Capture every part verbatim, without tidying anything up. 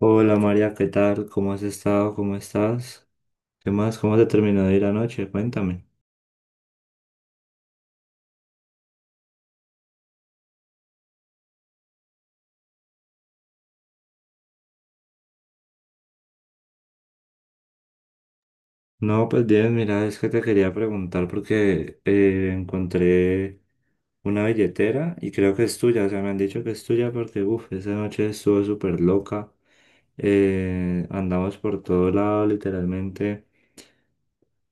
Hola María, ¿qué tal? ¿Cómo has estado? ¿Cómo estás? ¿Qué más? ¿Cómo te terminó de ir anoche? Cuéntame. No, pues bien, mira, es que te quería preguntar porque eh, encontré una billetera y creo que es tuya, o sea, me han dicho que es tuya porque, uff, esa noche estuvo súper loca. Eh, andamos por todo lado, literalmente.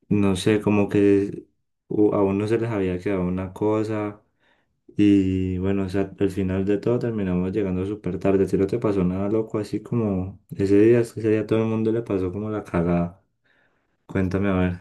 No sé, como que u- a uno se les había quedado una cosa, y bueno, o sea, al final de todo terminamos llegando súper tarde. Si no te pasó nada loco, así como ese día, es que ese día todo el mundo le pasó como la cagada. Cuéntame a ver.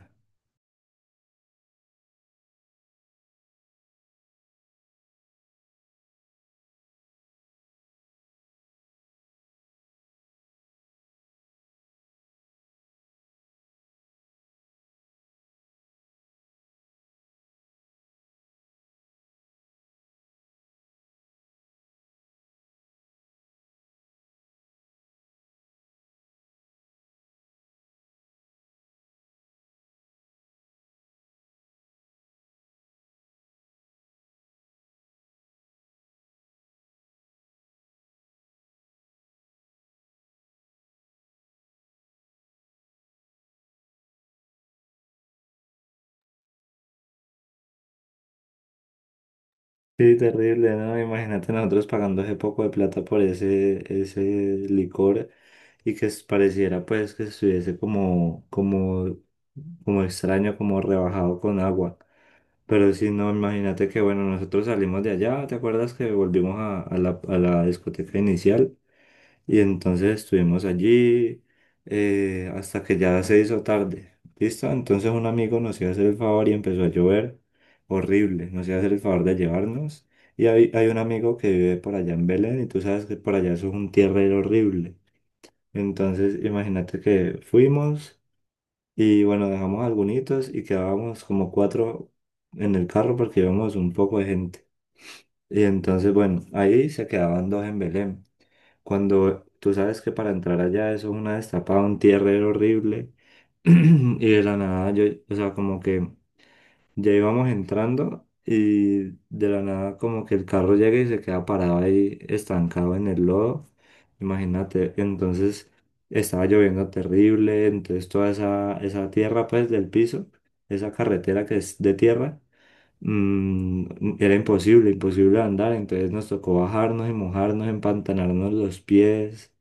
Sí, terrible, ¿no? Imagínate nosotros pagando ese poco de plata por ese, ese licor y que es- pareciera pues que estuviese como, como, como extraño, como rebajado con agua. Pero sí, no, imagínate que bueno, nosotros salimos de allá. ¿Te acuerdas que volvimos a, a la, a la discoteca inicial? Y entonces estuvimos allí eh, hasta que ya se hizo tarde. ¿Listo? Entonces un amigo nos iba a hacer el favor y empezó a llover horrible. Nos iba a hacer el favor de llevarnos. Y hay, hay un amigo que vive por allá en Belén y tú sabes que por allá eso es un tierrero horrible. Entonces imagínate que fuimos y bueno, dejamos algunos y quedábamos como cuatro en el carro porque íbamos un poco de gente. Y entonces bueno, ahí se quedaban dos en Belén. Cuando tú sabes que para entrar allá eso es una destapada, un tierrero horrible. Y de la nada yo, o sea, como que ya íbamos entrando y de la nada como que el carro llega y se queda parado ahí estancado en el lodo. Imagínate, entonces estaba lloviendo terrible, entonces toda esa, esa tierra pues del piso, esa carretera que es de tierra, mm, era imposible, imposible andar, entonces nos tocó bajarnos y mojarnos, empantanarnos los pies.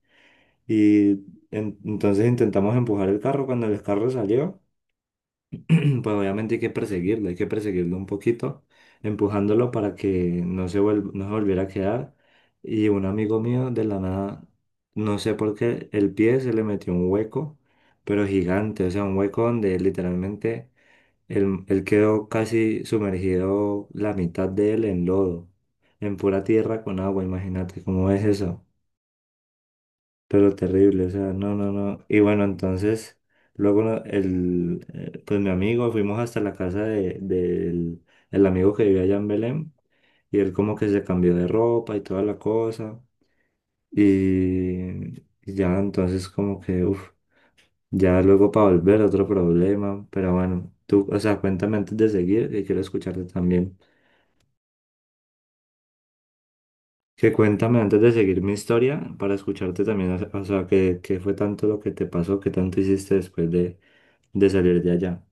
Y en- entonces intentamos empujar el carro. Cuando el carro salió, pues obviamente hay que perseguirlo, hay que perseguirlo un poquito, empujándolo para que no se vuel- no se volviera a quedar. Y un amigo mío de la nada, no sé por qué, el pie se le metió un hueco, pero gigante, o sea, un hueco donde literalmente él, él quedó casi sumergido la mitad de él en lodo, en pura tierra con agua, imagínate cómo es eso, pero terrible, o sea, no, no, no. Y bueno, entonces, luego no- el, eh, pues mi amigo, fuimos hasta la casa de, del el amigo que vivía allá en Belén, y él como que se cambió de ropa y toda la cosa, y ya entonces como que, uff, ya luego para volver otro problema, pero bueno, tú, o sea, cuéntame antes de seguir, que quiero escucharte también. Que cuéntame antes de seguir mi historia para escucharte también, o sea, o sea, qué, qué fue tanto lo que te pasó, qué tanto hiciste después de, de salir de allá.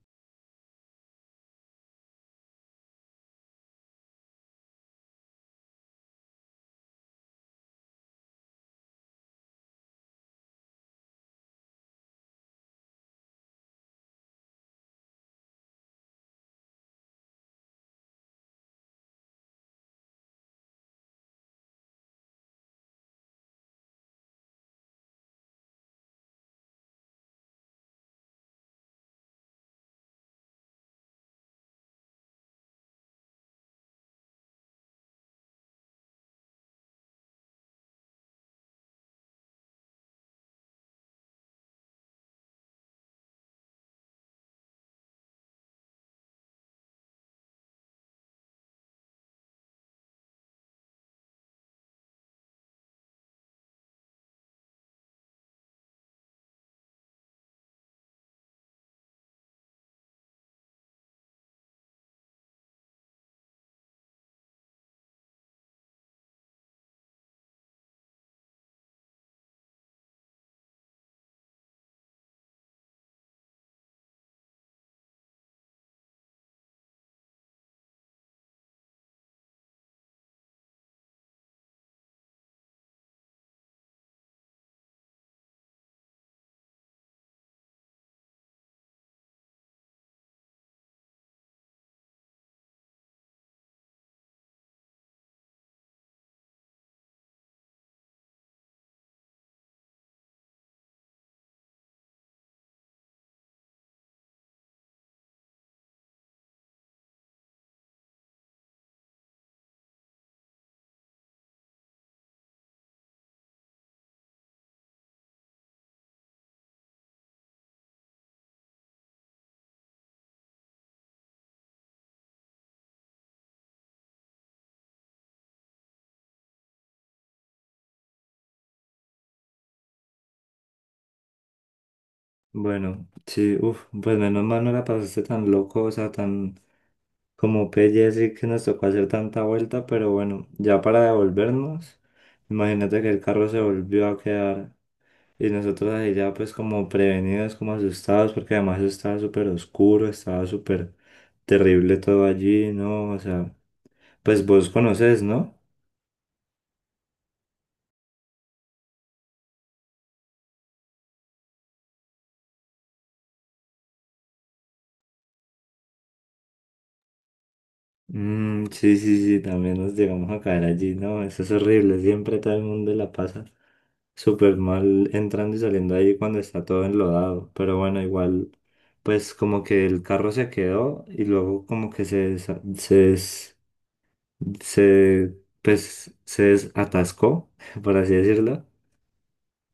Bueno, sí, uff, pues menos mal no la pasaste tan loco, o sea, tan como pelle, así que nos tocó hacer tanta vuelta, pero bueno, ya para devolvernos, imagínate que el carro se volvió a quedar y nosotros ahí ya pues como prevenidos, como asustados, porque además estaba súper oscuro, estaba súper terrible todo allí, ¿no? O sea... Pues vos conoces, ¿no? Mm, sí, sí, sí, también nos llegamos a caer allí, ¿no? Eso es horrible, siempre todo el mundo la pasa súper mal entrando y saliendo ahí cuando está todo enlodado, pero bueno, igual, pues como que el carro se quedó y luego como que se, desa- se, des- se, pues, se desatascó, por así decirlo,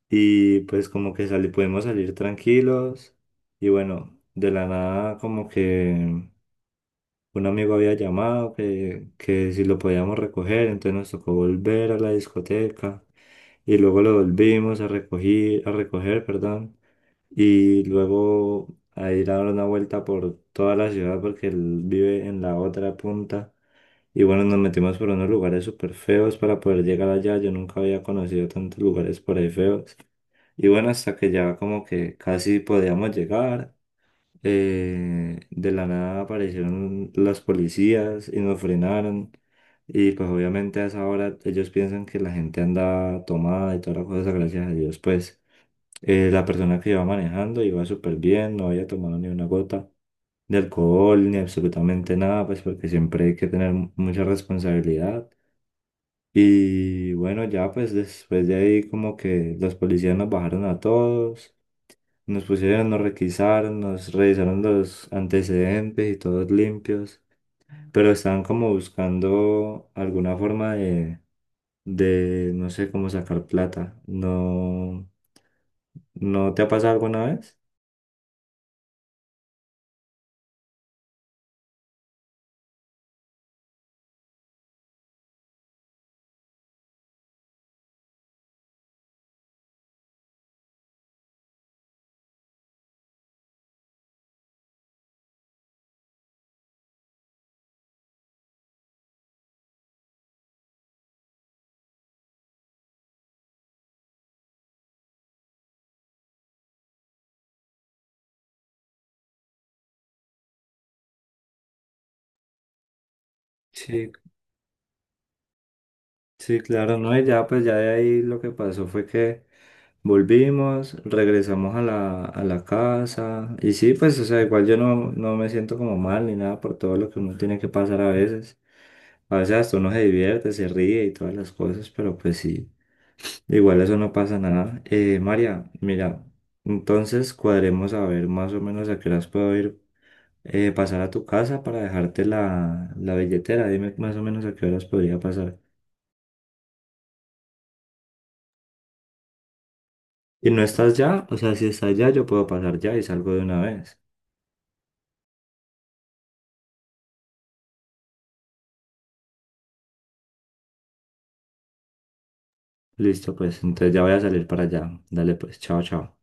y pues como que sali- pudimos salir tranquilos y bueno, de la nada como que... un amigo había llamado que, que si lo podíamos recoger, entonces nos tocó volver a la discoteca y luego lo volvimos a recoger, a recoger, perdón, y luego a ir a dar una vuelta por toda la ciudad porque él vive en la otra punta. Y bueno, nos metimos por unos lugares súper feos para poder llegar allá. Yo nunca había conocido tantos lugares por ahí feos. Y bueno, hasta que ya como que casi podíamos llegar, eh, de la nada aparecieron las policías y nos frenaron. Y pues obviamente a esa hora ellos piensan que la gente anda tomada y todas las cosas, gracias a Dios. Pues eh, la persona que iba manejando iba súper bien, no había tomado ni una gota de alcohol ni absolutamente nada, pues porque siempre hay que tener mu- mucha responsabilidad. Y bueno, ya pues después de ahí como que los policías nos bajaron a todos. Nos pusieron, nos requisaron, nos revisaron los antecedentes y todos limpios, pero estaban como buscando alguna forma de, de, no sé, cómo sacar plata. ¿No, no te ha pasado alguna vez? Sí, sí, claro, no, y ya pues ya de ahí lo que pasó fue que volvimos, regresamos a la, a la casa y sí, pues o sea, igual yo no, no me siento como mal ni nada por todo lo que uno tiene que pasar a veces. A veces hasta uno se divierte, se ríe y todas las cosas, pero pues sí, igual eso no pasa nada. Eh, María, mira, entonces cuadremos a ver más o menos a qué horas puedo ir, eh, pasar a tu casa para dejarte la, la billetera. Dime más o menos a qué horas podría pasar. Y no estás ya, o sea, si estás ya, yo puedo pasar ya y salgo de una vez. Listo, pues, entonces ya voy a salir para allá. Dale, pues, chao, chao.